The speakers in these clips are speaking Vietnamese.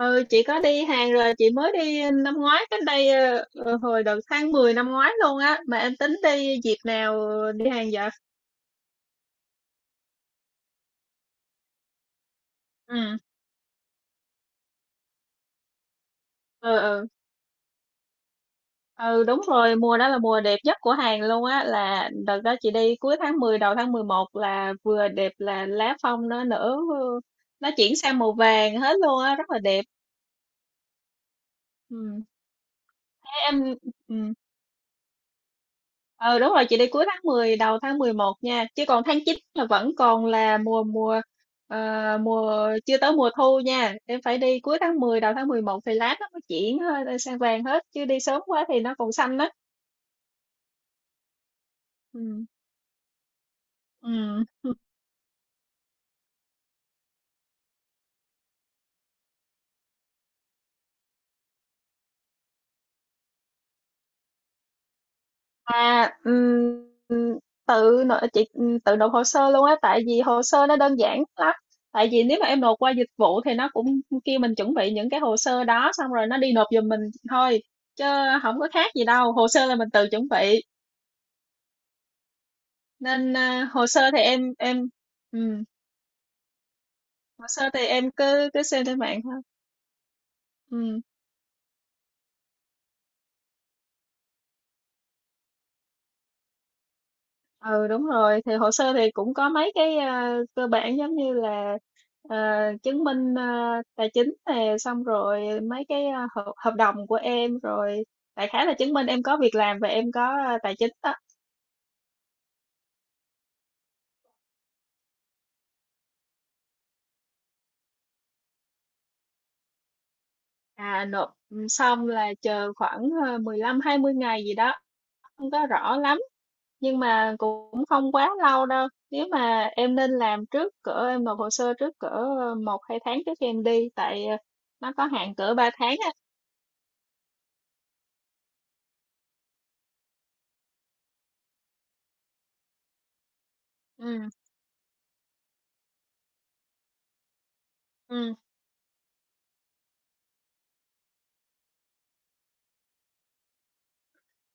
Ừ, chị có đi Hàn rồi, chị mới đi năm ngoái, cách đây hồi đầu tháng 10 năm ngoái luôn á. Mà em tính đi dịp nào đi Hàn vậy? Ừ, ừ, ừ, ừ đúng rồi, mùa đó là mùa đẹp nhất của Hàn luôn á, là đợt đó chị đi cuối tháng 10 đầu tháng 11 là vừa đẹp, là lá phong nó nở, nó chuyển sang màu vàng hết luôn á, rất là đẹp. Ừ. Thế em. Ừ. Ờ đúng rồi, chị đi cuối tháng 10 đầu tháng 11 nha, chứ còn tháng 9 là vẫn còn là mùa mùa ờ, mùa chưa tới mùa thu nha. Em phải đi cuối tháng 10 đầu tháng 11 thì lát nó mới chuyển sang vàng hết, chứ đi sớm quá thì nó còn xanh đó. Ừ. Ừ. À ừm, tự nộp chị, tự nộp hồ sơ luôn á, tại vì hồ sơ nó đơn giản lắm. Tại vì nếu mà em nộp qua dịch vụ thì nó cũng kêu mình chuẩn bị những cái hồ sơ đó, xong rồi nó đi nộp giùm mình thôi, chứ không có khác gì đâu, hồ sơ là mình tự chuẩn bị nên hồ sơ thì em ừ, hồ sơ thì em cứ cứ xem trên mạng thôi. Ừ. Ừ đúng rồi, thì hồ sơ thì cũng có mấy cái cơ bản giống như là chứng minh tài chính nè, xong rồi mấy cái hợp đồng của em rồi, đại khái là chứng minh em có việc làm và em có tài chính đó. Xong là chờ khoảng 15 20 ngày gì đó, không có rõ lắm nhưng mà cũng không quá lâu đâu. Nếu mà em nên làm trước cỡ, em nộp hồ sơ trước cỡ một hai tháng trước khi em đi, tại nó có hạn cỡ 3 tháng á. Ừ. Ừ.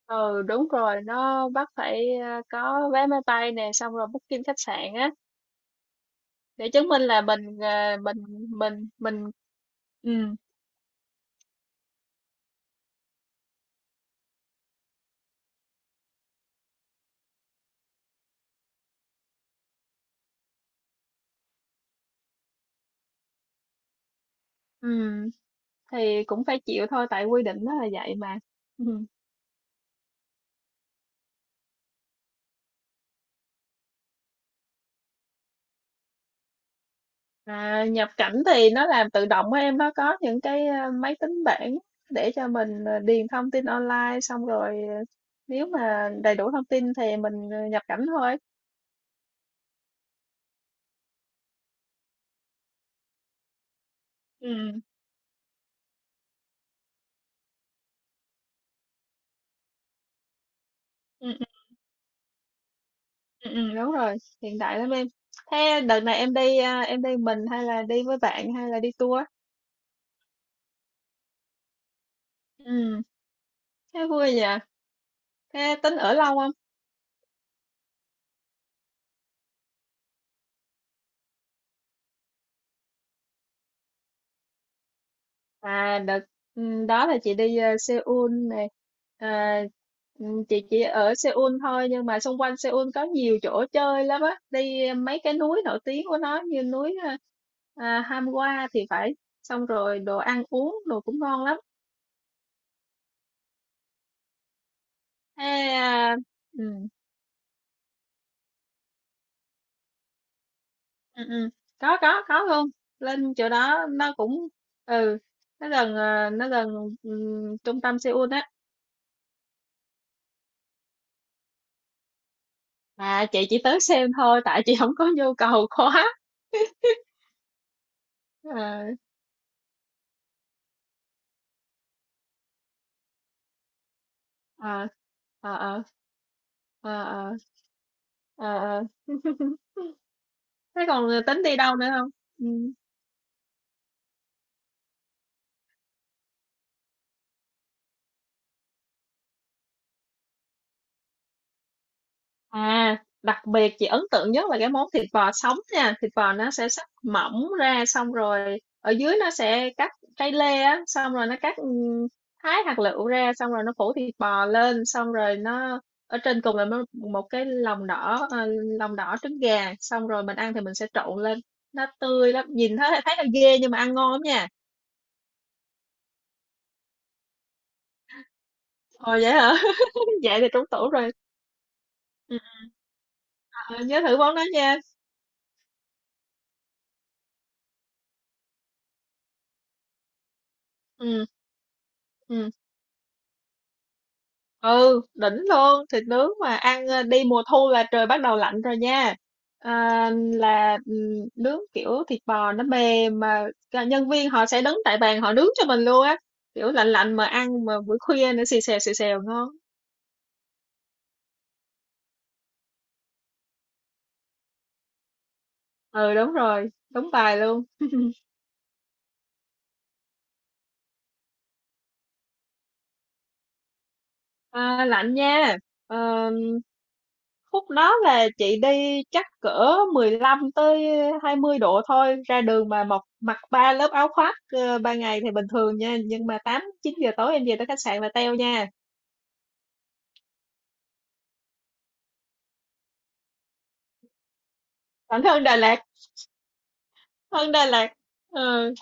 Ừ đúng rồi, nó bắt phải có vé máy bay nè, xong rồi booking khách sạn á, để chứng minh là mình ờ, mình mình. Ừ. Ừ, thì cũng phải chịu thôi, tại quy định nó là vậy mà. Ừ. À, nhập cảnh thì nó làm tự động á em, nó có những cái máy tính bảng để cho mình điền thông tin online, xong rồi nếu mà đầy đủ thông tin thì mình nhập cảnh thôi. Ừ, ừ, ừ, ừ, ừ, đúng rồi, hiện đại lắm em. Thế đợt này em đi em đi mình hay là đi với bạn hay là đi tour? Ừ, thế vui nhỉ. Thế tính ở lâu không? À đợt Đó là chị đi Seoul này. À, ừ, chị chỉ ở Seoul thôi, nhưng mà xung quanh Seoul có nhiều chỗ chơi lắm á. Đi mấy cái núi nổi tiếng của nó, như núi Hamgua thì phải. Xong rồi đồ ăn uống đồ cũng ngon lắm. Ê, à, ừ, ừ, ừ. Có luôn. Lên chỗ đó nó cũng ừ nó gần, ừ, trung tâm Seoul á. Mà chị chỉ tới xem thôi, tại chị không có nhu cầu quá. Ờ. Ờ, ờ, ờ, ờ, ờ, ờ, ờ. Thế còn tính đi đâu nữa không? Ừ. À, đặc biệt chị ấn tượng nhất là cái món thịt bò sống nha. Thịt bò nó sẽ sắc mỏng ra, xong rồi ở dưới nó sẽ cắt cây lê á, xong rồi nó cắt thái hạt lựu ra, xong rồi nó phủ thịt bò lên, xong rồi nó ở trên cùng là một cái lòng đỏ, lòng đỏ trứng gà, xong rồi mình ăn thì mình sẽ trộn lên. Nó tươi lắm, nhìn thấy thấy là ghê nhưng mà ăn ngon lắm nha. Ồ, vậy hả? Vậy thì trúng tủ rồi. Ừ, ờ, nhớ thử món đó nha. Ừ, ừ. Ừ, đỉnh luôn. Thịt nướng mà ăn đi mùa thu là trời bắt đầu lạnh rồi nha. À, là ừ, Nướng kiểu thịt bò nó mềm, mà cả nhân viên họ sẽ đứng tại bàn họ nướng cho mình luôn á. Kiểu lạnh lạnh mà ăn mà buổi khuya nữa, xì xèo ngon. Ừ, đúng rồi. Đúng bài luôn. À, lạnh nha. Ờ, khúc đó là chị đi chắc cỡ 15 tới 20 độ thôi, ra đường mà mặc mặc ba lớp áo khoác. Ờ, Ban ngày thì bình thường nha, nhưng mà 8 9 giờ tối em về tới khách sạn là teo nha. Còn hơn Đà Lạt, hơn Đà Lạt. Ừ,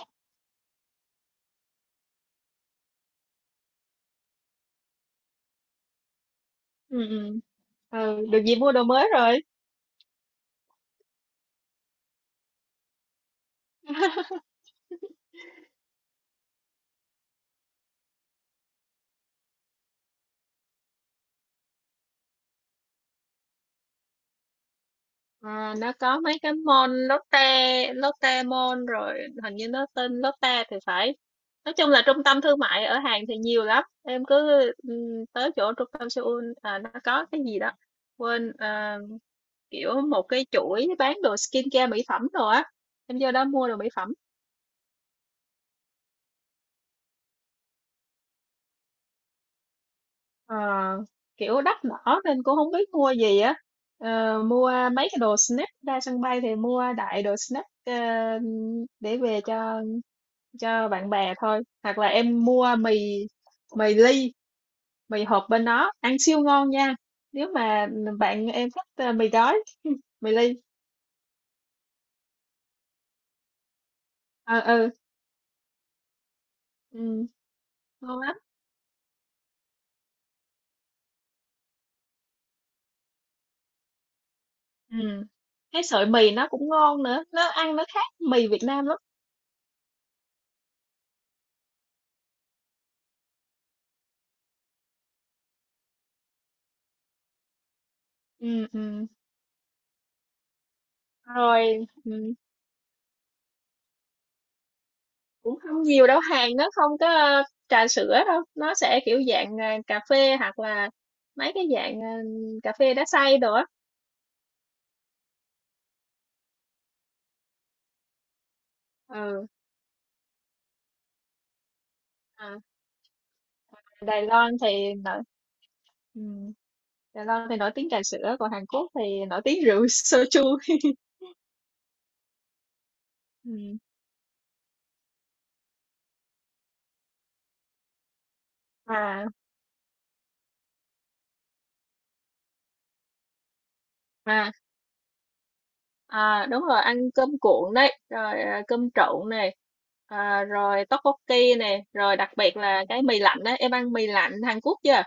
ừ, ừ. Ừ, được gì mua đồ mới rồi. À, nó có mấy cái môn Lotte, Lotte Mall rồi, hình như nó tên Lotte thì phải. Nói chung là trung tâm thương mại ở Hàn thì nhiều lắm. Em cứ tới chỗ trung tâm Seoul à, nó có cái gì đó. Quên à, kiểu một cái chuỗi bán đồ skincare mỹ phẩm rồi á. Em vô đó mua đồ mỹ phẩm. Ờ, kiểu đắt đỏ nên cũng không biết mua gì á. Ờ, mua mấy cái đồ snack, ra sân bay thì mua đại đồ snack để về cho bạn bè thôi, hoặc là em mua mì mì ly, mì hộp bên đó ăn siêu ngon nha. Nếu mà bạn em thích mì gói, mì ly. Ờ ừ, ừ, ngon lắm. Ừ, cái sợi mì nó cũng ngon nữa, nó ăn nó khác mì Việt Nam lắm. Ừ. Ừ. Rồi. Ừ. Cũng không nhiều đâu, hàng nó không có trà sữa đâu, nó sẽ kiểu dạng cà phê, hoặc là mấy cái dạng cà phê đá xay đồ á. Ừ. À. Đài Loan thì nở. Ừ. Đài Loan thì nổi tiếng trà sữa, còn Hàn Quốc thì nổi tiếng rượu soju. Ừ. Mà mà à, đúng rồi, ăn cơm cuộn đấy, rồi à, cơm trộn này, à, rồi tteokbokki này, rồi đặc biệt là cái mì lạnh á. Em ăn mì lạnh Hàn Quốc chưa?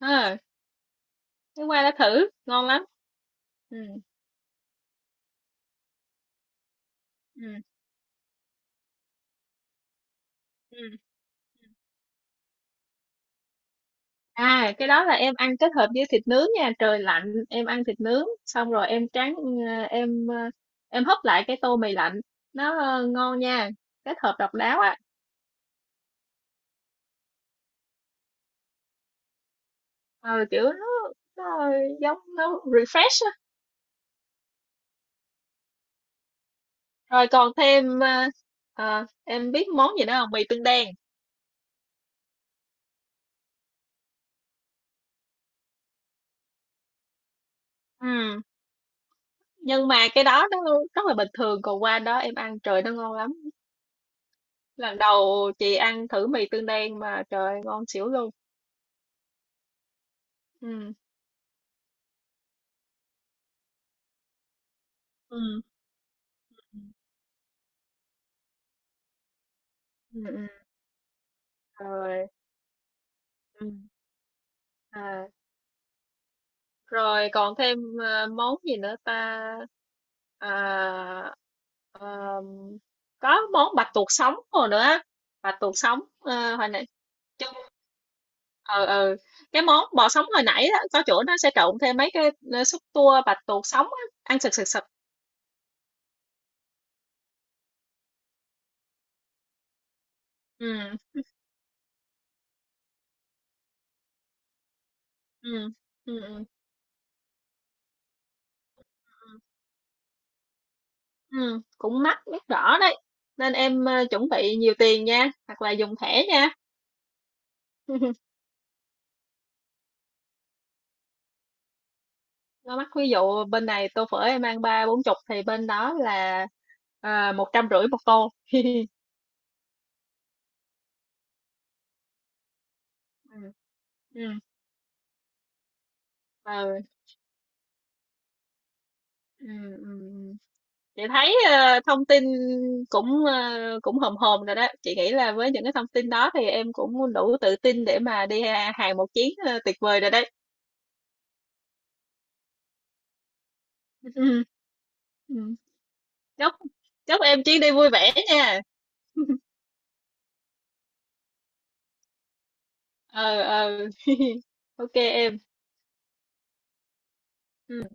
À, cái qua đã thử, ngon lắm. Ừ, ừ, ừ. À, cái đó là em ăn kết hợp với thịt nướng nha, trời lạnh em ăn thịt nướng xong rồi em tráng ờ, em hấp lại cái tô mì lạnh. Nó ngon nha, kết hợp độc đáo á. Ờ Kiểu nó giống, nó refresh á. Rồi còn thêm em biết món gì nữa không? Mì tương đen. Ừ. Nhưng mà cái đó nó rất là bình thường, còn qua đó em ăn trời nó ngon lắm. Lần đầu chị ăn thử mì tương đen mà trời ơi, ngon xỉu luôn. Ừ. Ừ. Ừ, ừ. Rồi. Ừ. à, Rồi còn thêm món gì nữa ta? à, ờ, có món bạch tuộc sống rồi nữa á. Bạch tuộc sống, hồi nãy chung, ờ ờ cái món bò sống hồi nãy đó có chỗ nó sẽ trộn thêm mấy cái xúc tua bạch tuộc sống á, ăn sực sực sực. Ừ. Ừ. Ừ. Ừ. Ừ. Cũng mắc biết rõ đấy, nên em chuẩn bị nhiều tiền nha, hoặc là dùng thẻ nha. Nó mắc, ví dụ bên này tô phở em ăn ba bốn chục thì bên đó là 150 một tô. Ừ. Ừ. Ừ. Ừ. Ừ. Ừ. Chị thấy thông tin cũng cũng hòm hòm rồi đó. Chị nghĩ là với những cái thông tin đó thì em cũng đủ tự tin để mà đi hàng một chuyến, tuyệt vời rồi đấy. Ừ. Ừ. chúc Chúc em chuyến đi vui vẻ nha. ờ ờ OK em. Ừ.